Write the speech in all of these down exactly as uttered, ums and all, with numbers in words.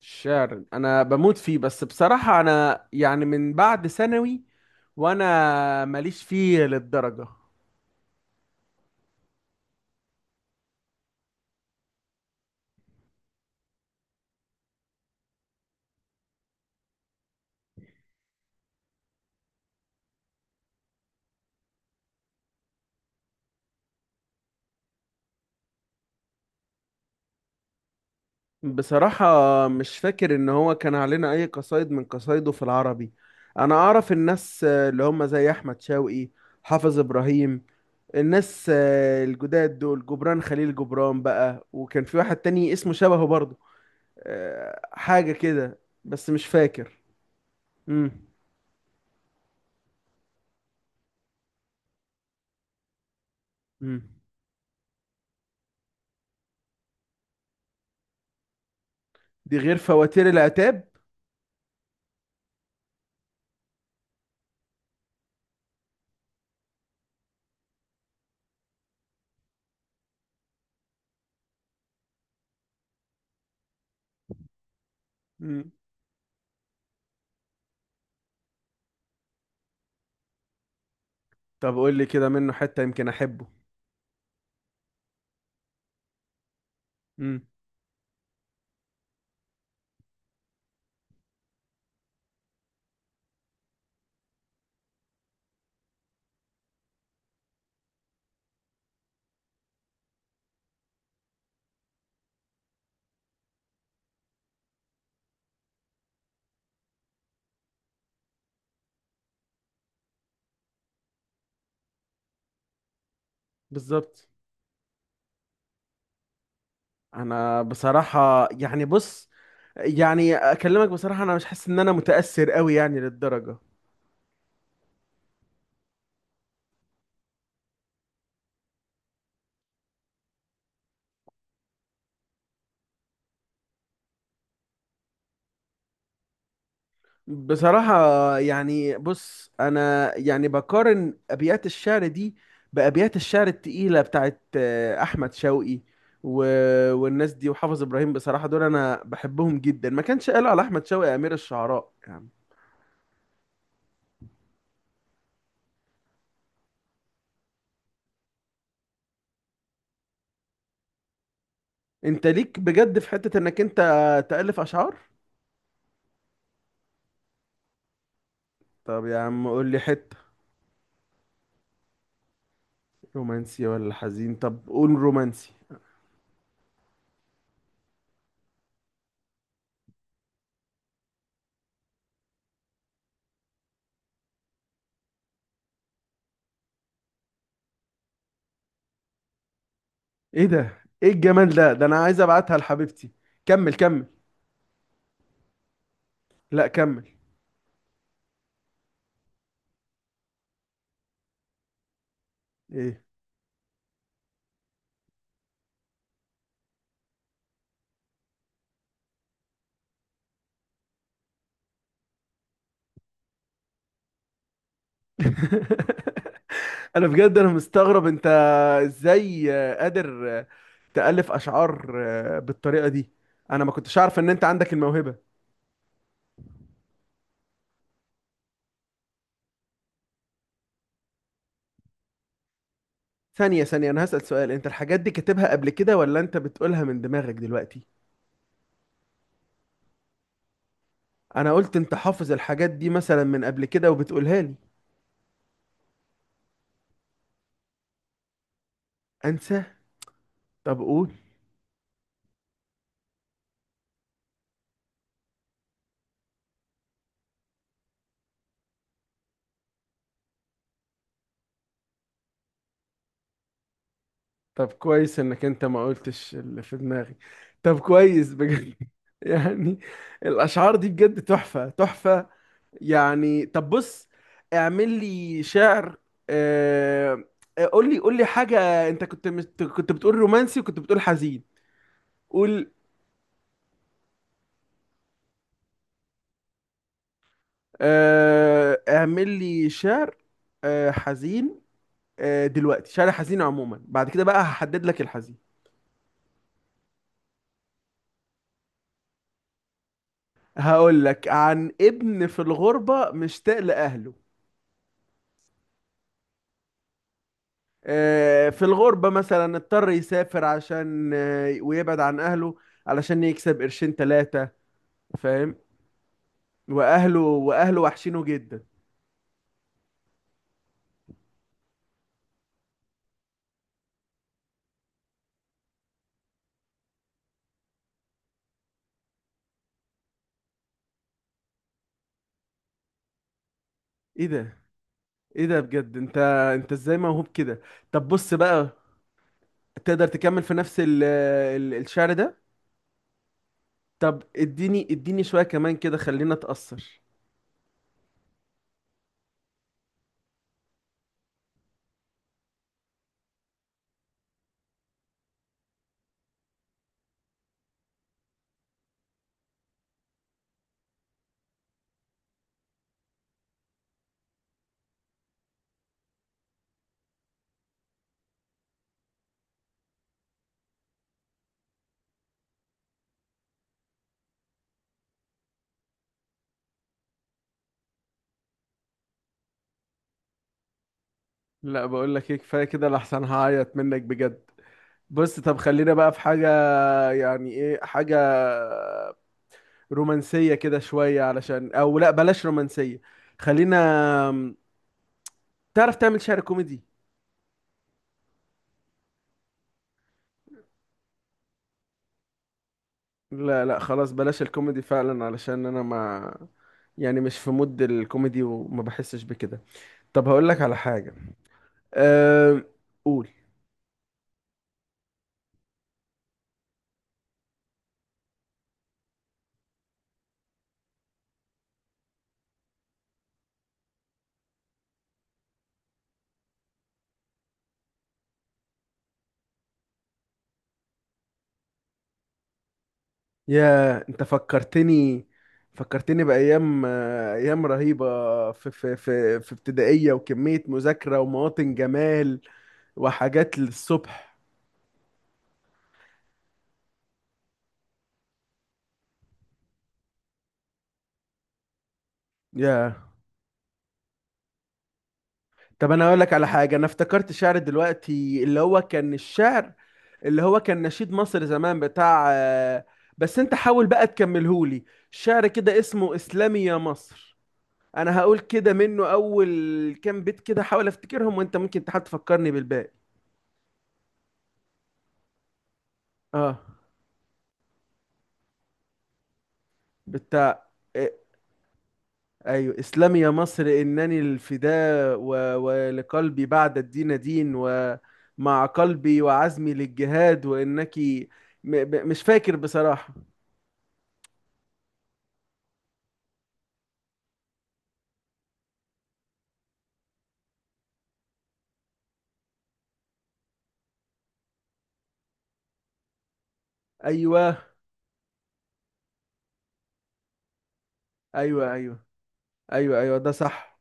الشعر انا بموت فيه، بس بصراحة انا يعني من بعد ثانوي وانا ماليش فيه للدرجة. بصراحة مش فاكر ان هو كان علينا اي قصايد من قصايده في العربي. انا اعرف الناس اللي هم زي احمد شوقي، حافظ ابراهيم، الناس الجداد دول، جبران خليل جبران، بقى وكان في واحد تاني اسمه شبهه برضه، آه، حاجة كده بس مش فاكر. امم دي غير فواتير العتاب. مم. طب قول لي كده منه حتة يمكن احبه. امم بالظبط. انا بصراحة يعني بص، يعني اكلمك بصراحة، انا مش حاسس ان انا متأثر قوي يعني للدرجة. بصراحة يعني بص، انا يعني بقارن ابيات الشعر دي بابيات الشعر التقيلة بتاعت آه، احمد شوقي و... والناس دي وحافظ ابراهيم. بصراحة دول انا بحبهم جدا، ما كانش قالوا على احمد شوقي امير الشعراء يعني. انت ليك بجد في حتة انك انت تألف اشعار؟ طب يا عم قول لي حتة. رومانسي ولا حزين؟ طب قول رومانسي. ايه ده؟ ايه الجمال ده؟ ده انا عايز ابعتها لحبيبتي، كمل كمل. لا كمل. ايه؟ انا بجد انا مستغرب انت ازاي آه، قادر آه، تألف اشعار آه، بالطريقة دي. انا ما كنتش اعرف ان انت عندك الموهبة. ثانية ثانية، انا هسأل سؤال: انت الحاجات دي كاتبها قبل كده ولا انت بتقولها من دماغك دلوقتي؟ انا قلت انت حافظ الحاجات دي مثلا من قبل كده وبتقولها لي. انسى؟ طب قول. طب كويس انك انت ما قلتش اللي في دماغي. طب كويس بجد. يعني الاشعار دي بجد تحفة تحفة، يعني طب بص اعمل لي شعر. آه... قول لي قول لي حاجة، انت كنت مت... كنت بتقول رومانسي وكنت بتقول حزين. قول. آه... اعمل لي شعر آه... حزين. آه... دلوقتي شعر حزين عموما، بعد كده بقى هحدد لك الحزين. هقول لك عن ابن في الغربة مشتاق لأهله، آه، في الغربة مثلا اضطر يسافر عشان آه، ويبعد عن أهله، علشان يكسب قرشين تلاتة، فاهم؟ وأهله وأهله وحشينه جدا. إيه ده؟ إيه ده بجد؟ أنت أنت إزاي موهوب كده؟ طب بص بقى، تقدر تكمل في نفس ال ال الشعر ده؟ طب اديني اديني شوية كمان كده، خلينا أتأثر. لا بقول لك ايه، كفاية كده لحسن هعيط منك بجد. بص طب خلينا بقى في حاجة، يعني ايه حاجة رومانسية كده شوية، علشان او لا بلاش رومانسية. خلينا، تعرف تعمل شعر كوميدي؟ لا لا خلاص بلاش الكوميدي فعلا، علشان انا ما يعني مش في مود الكوميدي وما بحسش بكده. طب هقول لك على حاجة. أه... قول. يا انت فكرتني، فكرتني بأيام، آه، أيام رهيبة في في في في ابتدائية وكمية مذاكرة ومواطن جمال وحاجات للصبح. يا طب انا اقول لك على حاجه، انا افتكرت شعر دلوقتي اللي هو كان الشعر اللي هو كان نشيد مصر زمان بتاع آه، بس انت حاول بقى تكملهولي. شعر كده اسمه اسلامي يا مصر، انا هقول كده منه اول كام بيت كده، حاول افتكرهم وانت ممكن تحاول تفكرني بالباقي. اه، بتاع إيه، ايوه، اسلامي يا مصر انني الفداء و... ولقلبي بعد الدين دين، ومع قلبي وعزمي للجهاد وانك م... ب- مش فاكر بصراحة. ايوه ايوه. ايوه ايوه، ايوه ده صح.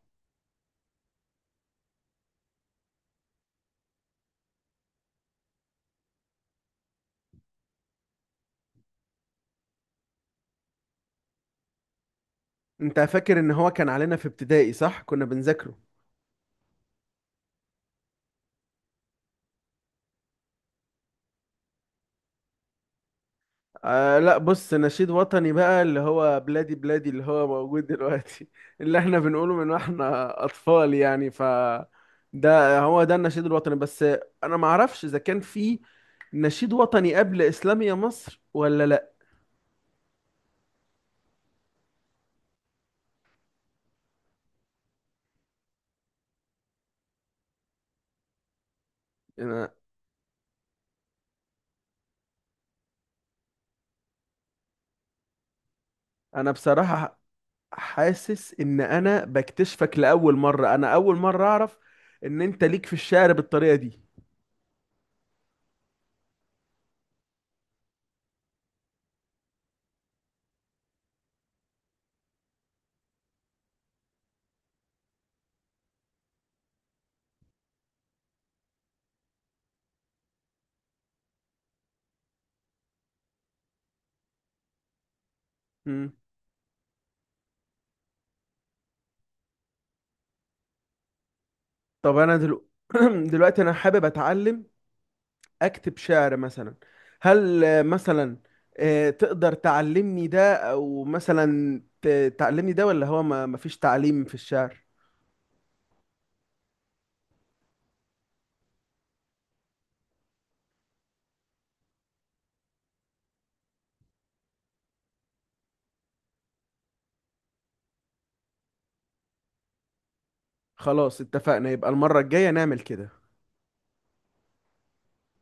انت فاكر ان هو كان علينا في ابتدائي صح؟ كنا بنذاكره. آه لا بص، نشيد وطني بقى اللي هو بلادي بلادي اللي هو موجود دلوقتي، اللي احنا بنقوله من واحنا اطفال يعني، ف ده هو ده النشيد الوطني بس. انا ما اعرفش اذا كان في نشيد وطني قبل اسلامية مصر ولا لا. انا أنا بصراحة حاسس ان انا بكتشفك لاول مرة، انا اول مرة اعرف ان انت ليك في الشعر بالطريقة دي. مم. طب انا دلو... دلوقتي انا حابب اتعلم اكتب شعر مثلا. هل آه، مثلا آه، تقدر تعلمني ده، او مثلا ت- تعلمني ده، ولا هو ما فيش تعليم في الشعر؟ خلاص اتفقنا، يبقى المرة الجاية نعمل كده.